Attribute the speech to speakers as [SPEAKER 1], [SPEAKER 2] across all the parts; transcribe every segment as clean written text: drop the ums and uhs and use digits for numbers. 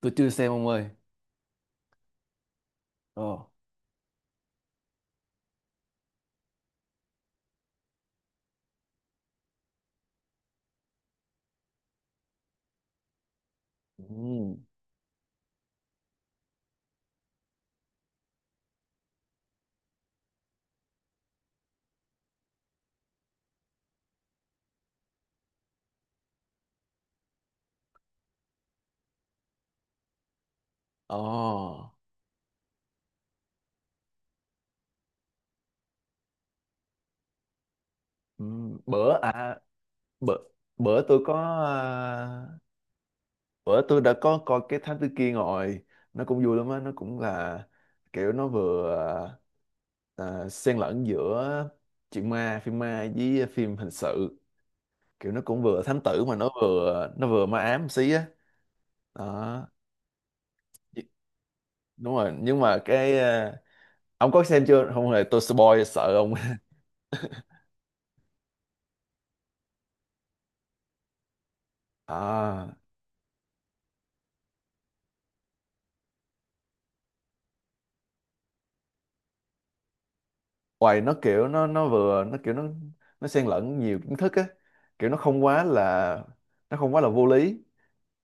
[SPEAKER 1] Tôi chưa xem ông ơi. Ờ. Ừm. Ờ. Ừm. Bữa à bữa, bữa tôi có, à, bữa tôi đã có coi cái Thám Tử Kiên rồi. Nó cũng vui lắm á, nó cũng là kiểu nó vừa, xen lẫn giữa chuyện ma, phim ma với phim hình sự. Kiểu nó cũng vừa thám tử mà nó vừa ma ám một xí á. Đó. Đúng rồi, nhưng mà ông có xem chưa? Không hề, tôi spoil sợ ông. À. Hoài nó kiểu nó vừa nó kiểu nó xen lẫn nhiều kiến thức á, kiểu nó không quá là vô lý,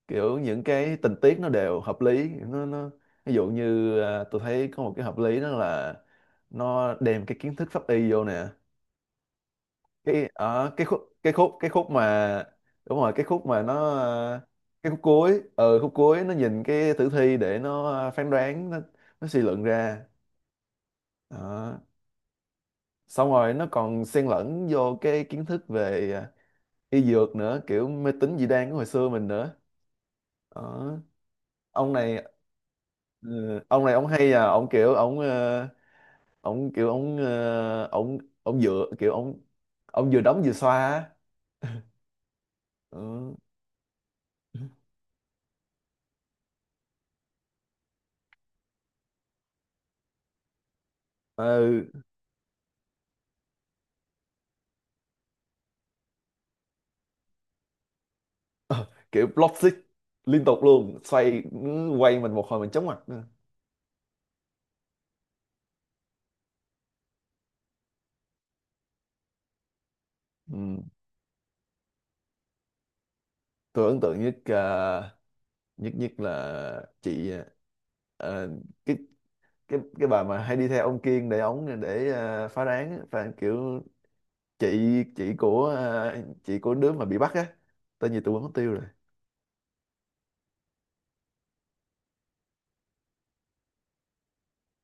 [SPEAKER 1] kiểu những cái tình tiết nó đều hợp lý nó Ví dụ như, tôi thấy có một cái hợp lý đó là nó đem cái kiến thức pháp y vô nè. Cái ở cái khúc cái khúc cái khúc mà đúng rồi, cái khúc mà à, cái khúc cuối, khúc cuối nó nhìn cái tử thi để phán đoán nó suy luận ra. Đó. Xong rồi nó còn xen lẫn vô cái kiến thức về y dược nữa, kiểu mê tín dị đoan của hồi xưa mình nữa. Đó. Ông này ừ, ông này ông hay, ông kiểu ông kiểu ông ờ, ông ông dựa, kiểu ông vừa đóng vừa xoa á. Ừ. Ờ, kiểu block stick liên tục luôn, xoay ừ, quay mình một hồi mình chóng mặt nữa. Ừ. Tôi ấn tượng nhất ờ, nhất nhất là chị, ờ, cái cái bà mà hay đi theo ông Kiên để ống để phá án á, và kiểu chị của chị của đứa mà bị bắt á, tên gì tôi quên mất tiêu rồi.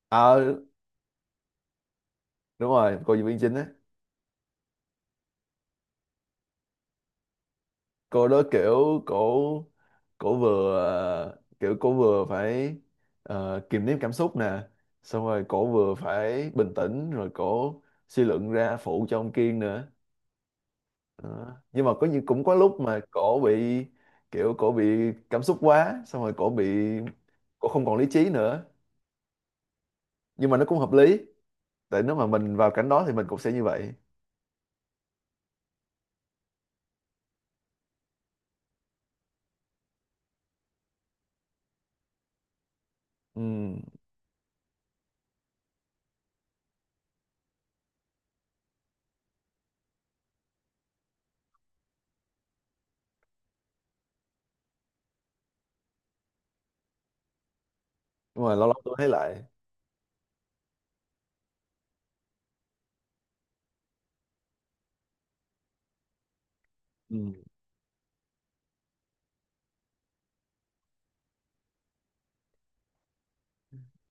[SPEAKER 1] Ờ, đúng rồi, cô diễn viên chính á. Cô đó kiểu cổ cổ vừa kiểu cổ vừa phải kiềm nén cảm xúc nè, xong rồi cổ vừa phải bình tĩnh, rồi cổ suy luận ra phụ cho ông Kiên nữa. Đó. Nhưng mà có những cũng có lúc mà cổ bị kiểu cổ bị cảm xúc quá, xong rồi cổ bị cổ không còn lý trí nữa. Nhưng mà nó cũng hợp lý, tại nếu mà mình vào cảnh đó thì mình cũng sẽ như vậy. Ừ. Nhưng mà lâu lâu tôi thấy lại. Ừ.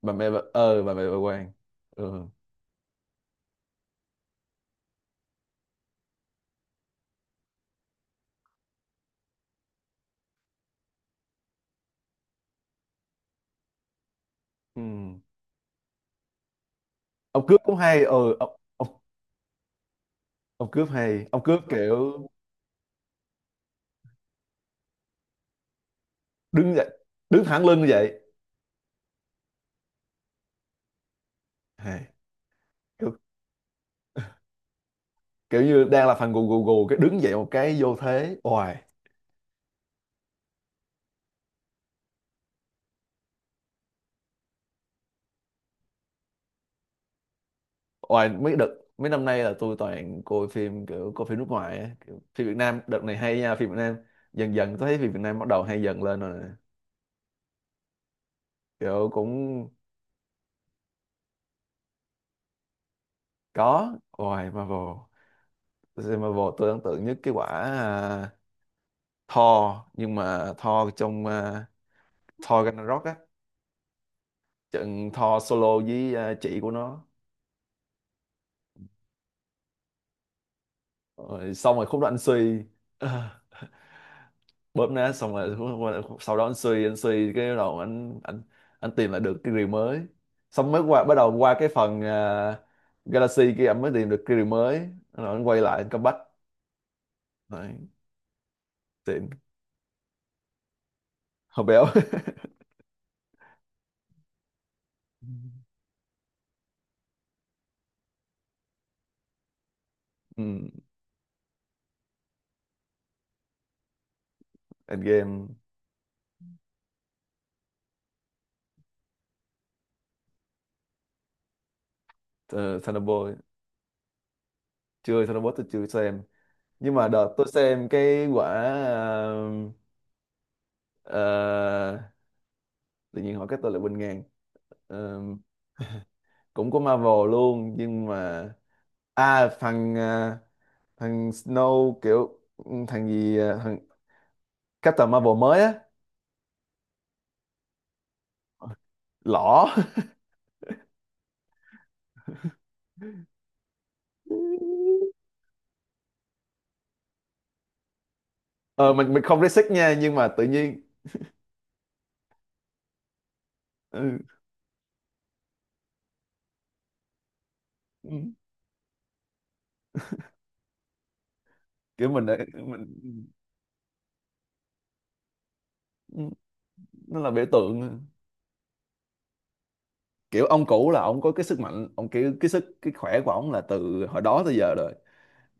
[SPEAKER 1] Bà mẹ bà, ờ bà mẹ bà Quan. Ừ. Ừ. Ông cướp cũng hay, ừ ông, ông cướp hay, ông cướp kiểu đứng dậy, đứng thẳng lưng như vậy, hay. Kiểu, kiểu như đang là phần gù gù gù cái đứng dậy một cái vô thế oài. Ngoài mấy đợt mấy năm nay là tôi toàn coi phim kiểu coi phim nước ngoài á. Kiểu phim Việt Nam đợt này hay nha, phim Việt Nam dần dần tôi thấy phim Việt Nam bắt đầu hay dần lên rồi nè. Kiểu cũng có. Ngoài Marvel, tôi xem Marvel tôi ấn tượng nhất cái quả, Thor, nhưng mà Thor trong, Thor Ragnarok á, trận Thor solo với, chị của nó. Rồi xong rồi khúc đó anh suy, bóp nát xong rồi. Sau đó anh suy, cái bắt đầu anh tìm lại được cái rìu mới, xong mới qua bắt đầu qua cái phần, Galaxy kia, anh mới tìm được cái rìu mới rồi anh quay lại anh comeback. Đấy, tiện hồi béo. Ừ, Endgame. Thunderbolt, chưa Thunderbolt tôi chưa xem. Nhưng mà đợt tôi xem cái quả ờ, ờ, tự nhiên hỏi cái tôi lại quên ngang. Ờ, cũng có Marvel luôn nhưng mà phần, thằng Snow, kiểu thằng gì, thằng Captain Marvel mới á, lỏ. Ờ mình không racist nha, nhưng mà tự nhiên ừ, ừ, kiểu mình ừ, nó là biểu tượng. Kiểu ông cũ là ông có cái sức mạnh, ông kiểu cái sức cái khỏe của ông là từ hồi đó tới giờ rồi.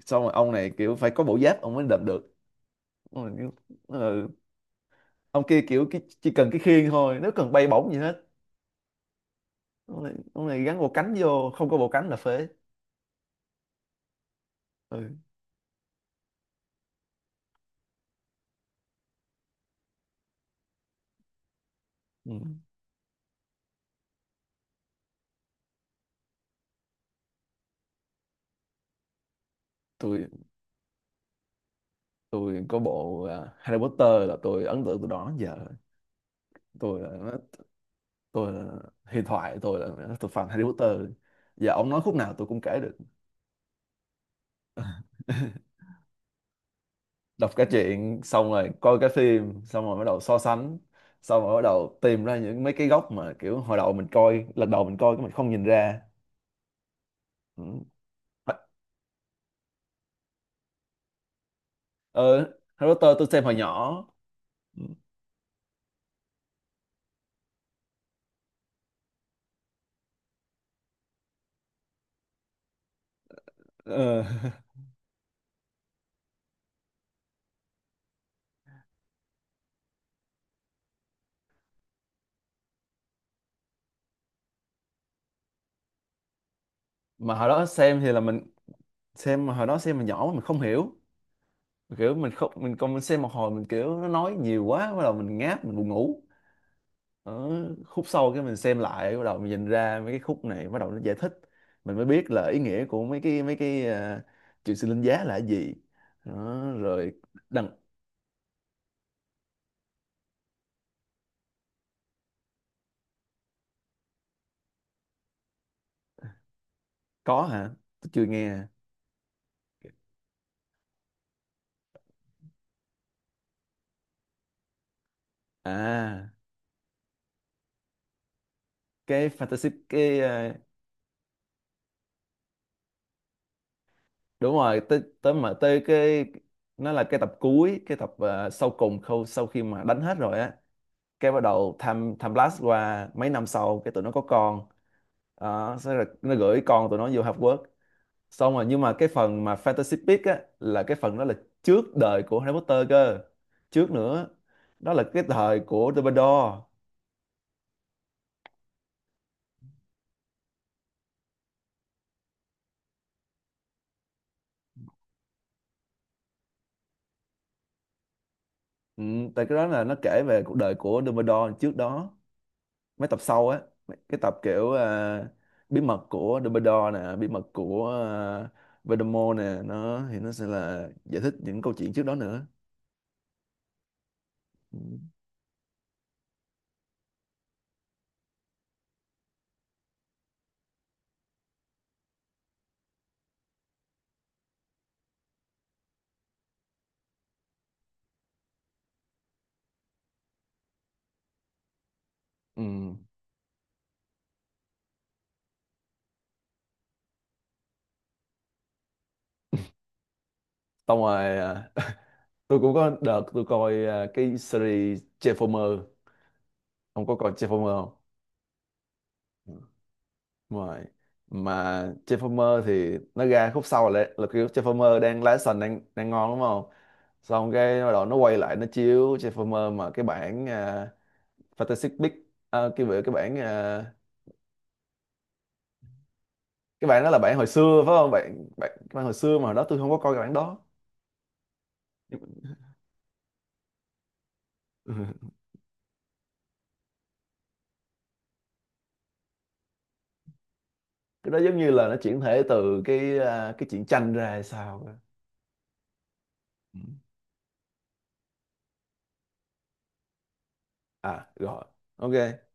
[SPEAKER 1] Xong rồi ông này kiểu phải có bộ giáp ông mới đập được. Ông này kiểu, ừ, ông kia kiểu cái, chỉ cần cái khiên thôi, nếu cần bay bổng gì hết. Ông này, ông này gắn bộ cánh vô, không có bộ cánh là phế. Ừ. Ừ. Tụi tôi có bộ, Harry Potter là tôi ấn tượng từ đó đến giờ. tôi là tôi là tôi là tôi fan Harry Potter, giờ ông nói khúc nào tôi cũng kể được. Đọc cái chuyện xong rồi coi cái phim xong rồi bắt đầu so sánh, xong rồi bắt đầu tìm ra những mấy cái góc mà kiểu hồi đầu mình coi lần đầu mình coi cái mình không nhìn ra. Ừ. Ờ, Harry Potter tôi xem hồi nhỏ. Ờ. Mà hồi đó xem thì là mình xem, mà hồi đó xem mà nhỏ mình không hiểu, kiểu mình không mình còn mình xem một hồi mình kiểu nó nói nhiều quá bắt đầu mình ngáp mình buồn ngủ ở khúc sau. Cái mình xem lại bắt đầu mình nhìn ra mấy cái khúc này bắt đầu nó giải thích, mình mới biết là ý nghĩa của mấy cái uh, chuyện sinh linh giá là cái gì. Đó, rồi đằng. Có hả, tôi chưa nghe. À cái fantasy cái, đúng rồi tới tới mà tới cái nó là cái tập cuối, cái tập, sau cùng khâu sau khi mà đánh hết rồi á, cái bắt đầu tham tham blast qua mấy năm sau cái tụi nó có con. Đó, sẽ là nó gửi con tụi nó vô Half World. Xong rồi nhưng mà cái phần mà Fantasy Beasts á là cái phần đó là trước đời của Harry Potter cơ. Trước nữa. Đó là cái thời của Dumbledore. Ừ, tại cái đó là nó kể về cuộc đời của Dumbledore trước đó, mấy tập sau á. Cái tập kiểu, bí mật của Dumbledore nè, bí mật của, Voldemort nè, nó thì nó sẽ là giải thích những câu chuyện trước đó nữa. Ừ. Ừ. Xong rồi ờ, tôi cũng có đợt tôi coi, cái series Transformer. Ông có coi Transformer không? Ừ, đúng rồi. Mà Transformer thì nó ra khúc sau là kiểu Transformer đang lái sành đang đang ngon đúng không, xong cái bắt đầu nó quay lại nó chiếu Transformer mà cái bản, Fantastic Beasts, à, cái bữa- cái bản, cái bản đó là bản hồi xưa phải không, bản bản, cái bản hồi xưa mà hồi đó tôi không có coi cái bản đó. Ừ. Cái đó giống như là nó chuyển thể từ cái, cái truyện tranh ra hay sao á. Ừ. À rồi, ok.